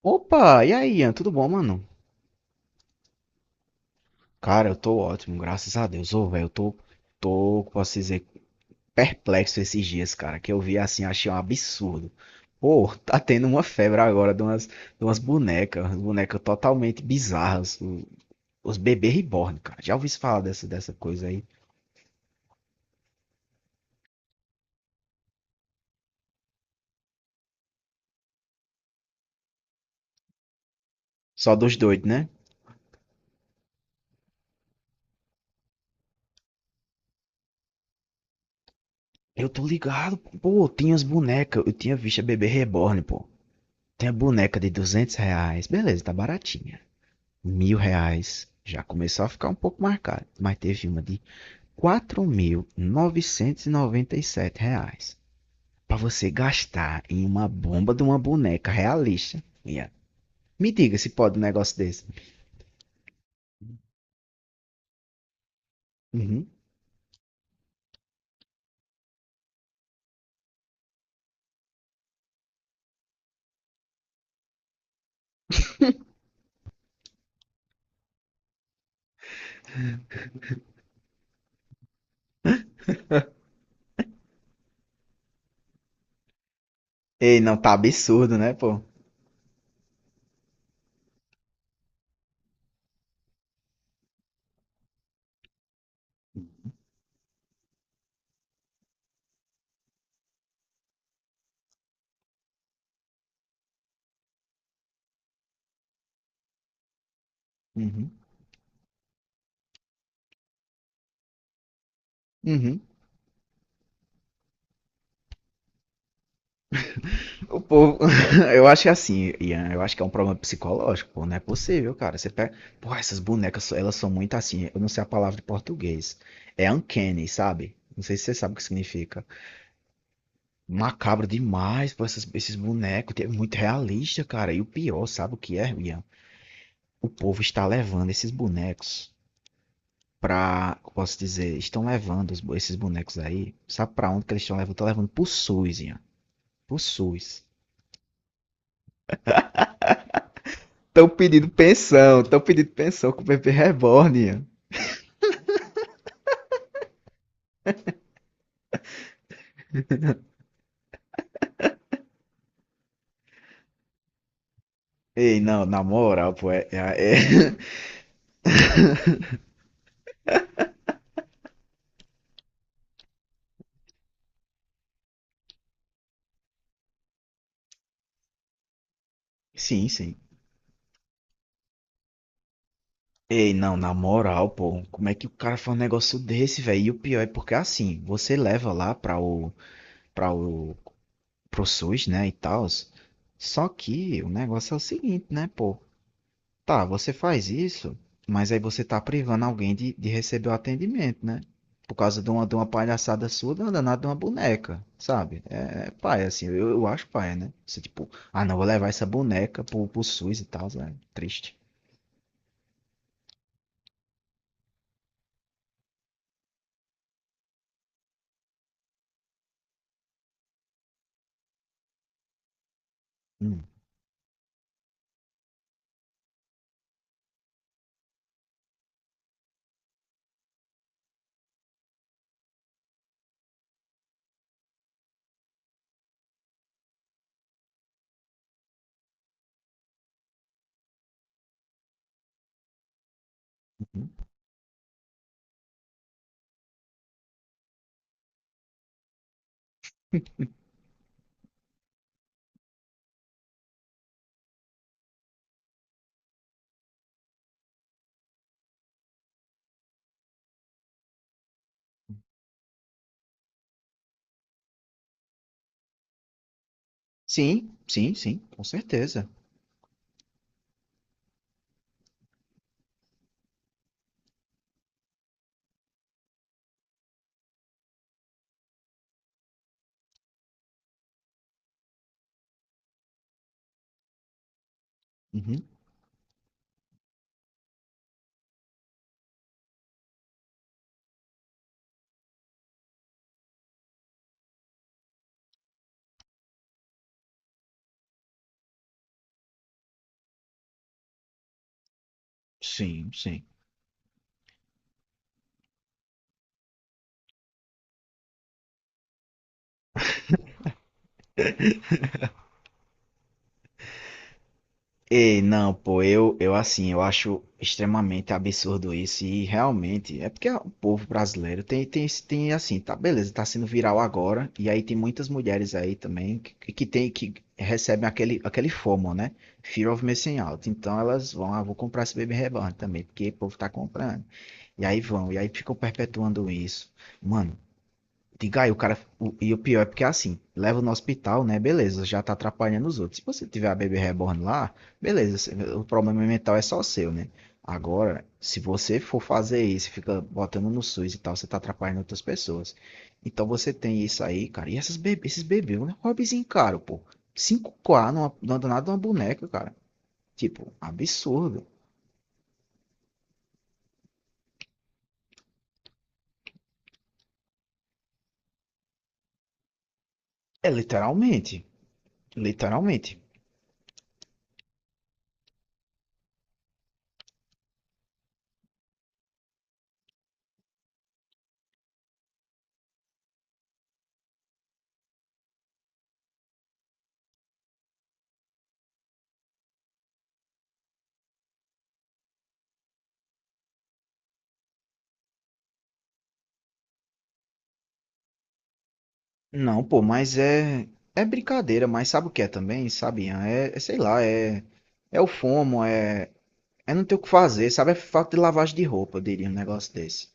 Opa, e aí, Ian, tudo bom, mano? Cara, eu tô ótimo, graças a Deus. Ô, velho, eu tô, posso dizer, perplexo esses dias, cara, que eu vi assim, achei um absurdo. Pô, tá tendo uma febre agora de umas bonecas, umas bonecas totalmente bizarras, os bebês reborn, cara. Já ouvi falar dessa coisa aí? Só dos doidos, né? Eu tô ligado, pô, tinha as bonecas, eu tinha visto a bebê reborn, pô. Tem a boneca de R$ 200, beleza, tá baratinha. R$ 1.000 já começou a ficar um pouco marcado, mas teve uma de quatro mil novecentos e noventa e sete reais para você gastar em uma bomba de uma boneca realista, Ian. Me diga se pode um negócio desse. Uhum. Ei, não, tá absurdo, né, pô? Uhum. Uhum. O povo, eu acho que é assim, Ian, eu acho que é um problema psicológico, pô, não é possível, cara. Você pega, pô, essas bonecas, elas são muito assim, eu não sei a palavra de português. É uncanny, sabe? Não sei se você sabe o que significa. Macabro demais, pô, esses bonecos. É muito realista, cara. E o pior, sabe o que é, Ian? O povo está levando esses bonecos pra. Como posso dizer, estão levando esses bonecos aí. Sabe pra onde que eles estão levando? Estão levando pro SUS, Ian. Pro SUS. Estão pedindo pensão com o bebê reborn, Ian. Ei, não, na moral, pô. Sim, sim. Ei, não, na moral, pô, como é que o cara faz um negócio desse, velho? E o pior é porque assim, você leva lá pra o, pra o pro SUS, né, e tal. Só que o negócio é o seguinte, né, pô? Tá, você faz isso, mas aí você tá privando alguém de receber o atendimento, né? Por causa de uma palhaçada sua, de uma danada de uma boneca, sabe? É paia, assim, eu acho paia, né? Você, tipo, ah, não, vou levar essa boneca pro SUS e tal, é triste. Hum, Uhum. Sim, sim, sim, com certeza. Uhum. Sim, sim. Ei, não, pô, eu assim, eu acho extremamente absurdo isso e realmente é porque o povo brasileiro tem, tem, esse- tem assim, tá, beleza, tá sendo viral agora e aí tem muitas mulheres aí também que tem, que recebem aquele FOMO, né? Fear of Missing Out. Então elas vão, ah, vou comprar esse Baby Reborn também, porque o povo tá comprando. E aí vão, e aí ficam perpetuando isso. Mano, diga aí, o cara. E o pior é porque é assim, leva no hospital, né? Beleza, já tá atrapalhando os outros. Se você tiver a bebê reborn lá, beleza, o problema mental é só seu, né? Agora, se você for fazer isso, fica botando no SUS e tal, você tá atrapalhando outras pessoas. Então você tem isso aí, cara. E esses bebês, um hobbyzinho caro, pô. 5K numa danada de uma boneca, cara. Tipo, absurdo. É literalmente. Literalmente. Não, pô, mas é brincadeira, mas sabe o que é também, sabe, Ian? É sei lá, é o FOMO, é não ter o que fazer, sabe? É falta de lavagem de roupa, eu diria um negócio desse.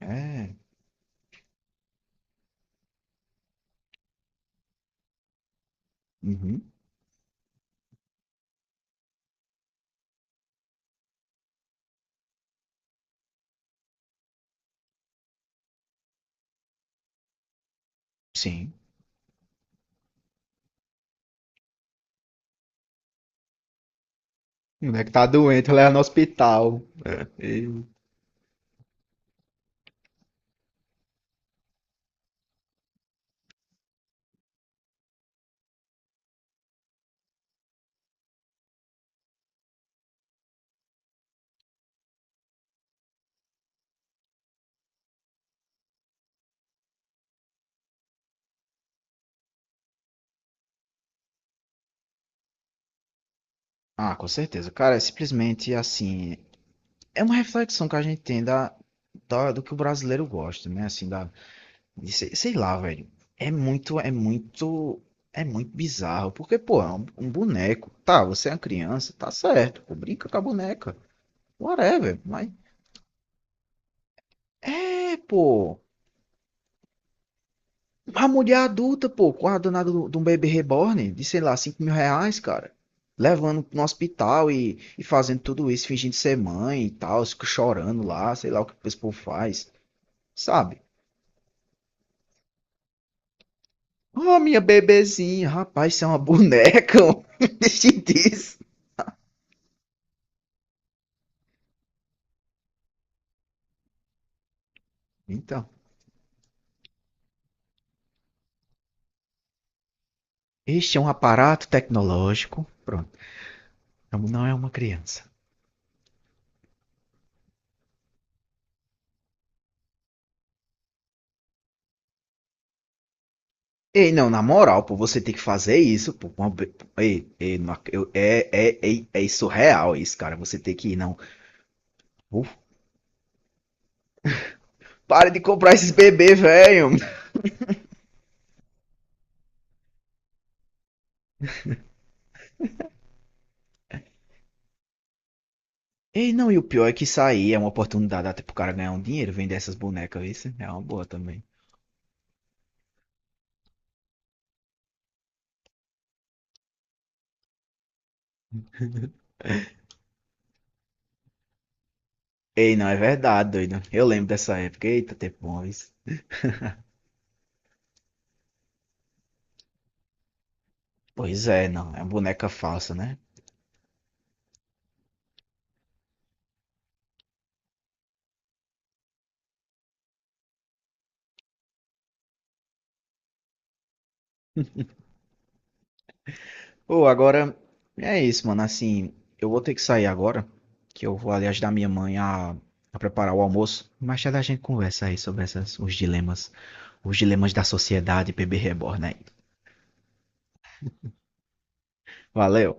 É, uhum, sim. O moleque tá doente, leva no hospital. É. Ah, com certeza. Cara, é simplesmente assim, é uma reflexão que a gente tem do que o brasileiro gosta, né? Assim, da E Sei, sei lá, velho. É muito, é muito, é muito bizarro. Porque, pô, é um boneco. Tá, você é uma criança, tá certo. Pô, brinca com a boneca. Whatever. Mas, é, pô. A mulher adulta, pô, com a danada de um bebê reborn, de sei lá, R$ 5.000, cara. Levando no hospital e fazendo tudo isso, fingindo ser mãe e tal, fica chorando lá, sei lá o que o povo faz, sabe? Ah, minha bebezinha, rapaz, isso é uma boneca, mano. Deixa disso. Então. Este é um aparato tecnológico. Pronto. Não é uma criança. Ei, não, na moral, pô, você tem que fazer isso, pô. Uma Ei, ei, não é isso real, é isso, cara. Você tem que ir, não. Uf, para de comprar esses bebês, velho. Ei, não, e o pior é que isso aí é uma oportunidade até pro cara ganhar um dinheiro, vender essas bonecas, isso é uma boa também. Ei, não, é verdade, doido. Eu lembro dessa época. Eita, tempo bom, isso. Pois é, não, é uma boneca falsa, né? Ô, agora é isso, mano. Assim, eu vou ter que sair agora, que eu vou ali ajudar minha mãe a preparar o almoço. Mais tarde a gente conversa aí sobre os dilemas da sociedade, bebê reborn aí. Valeu!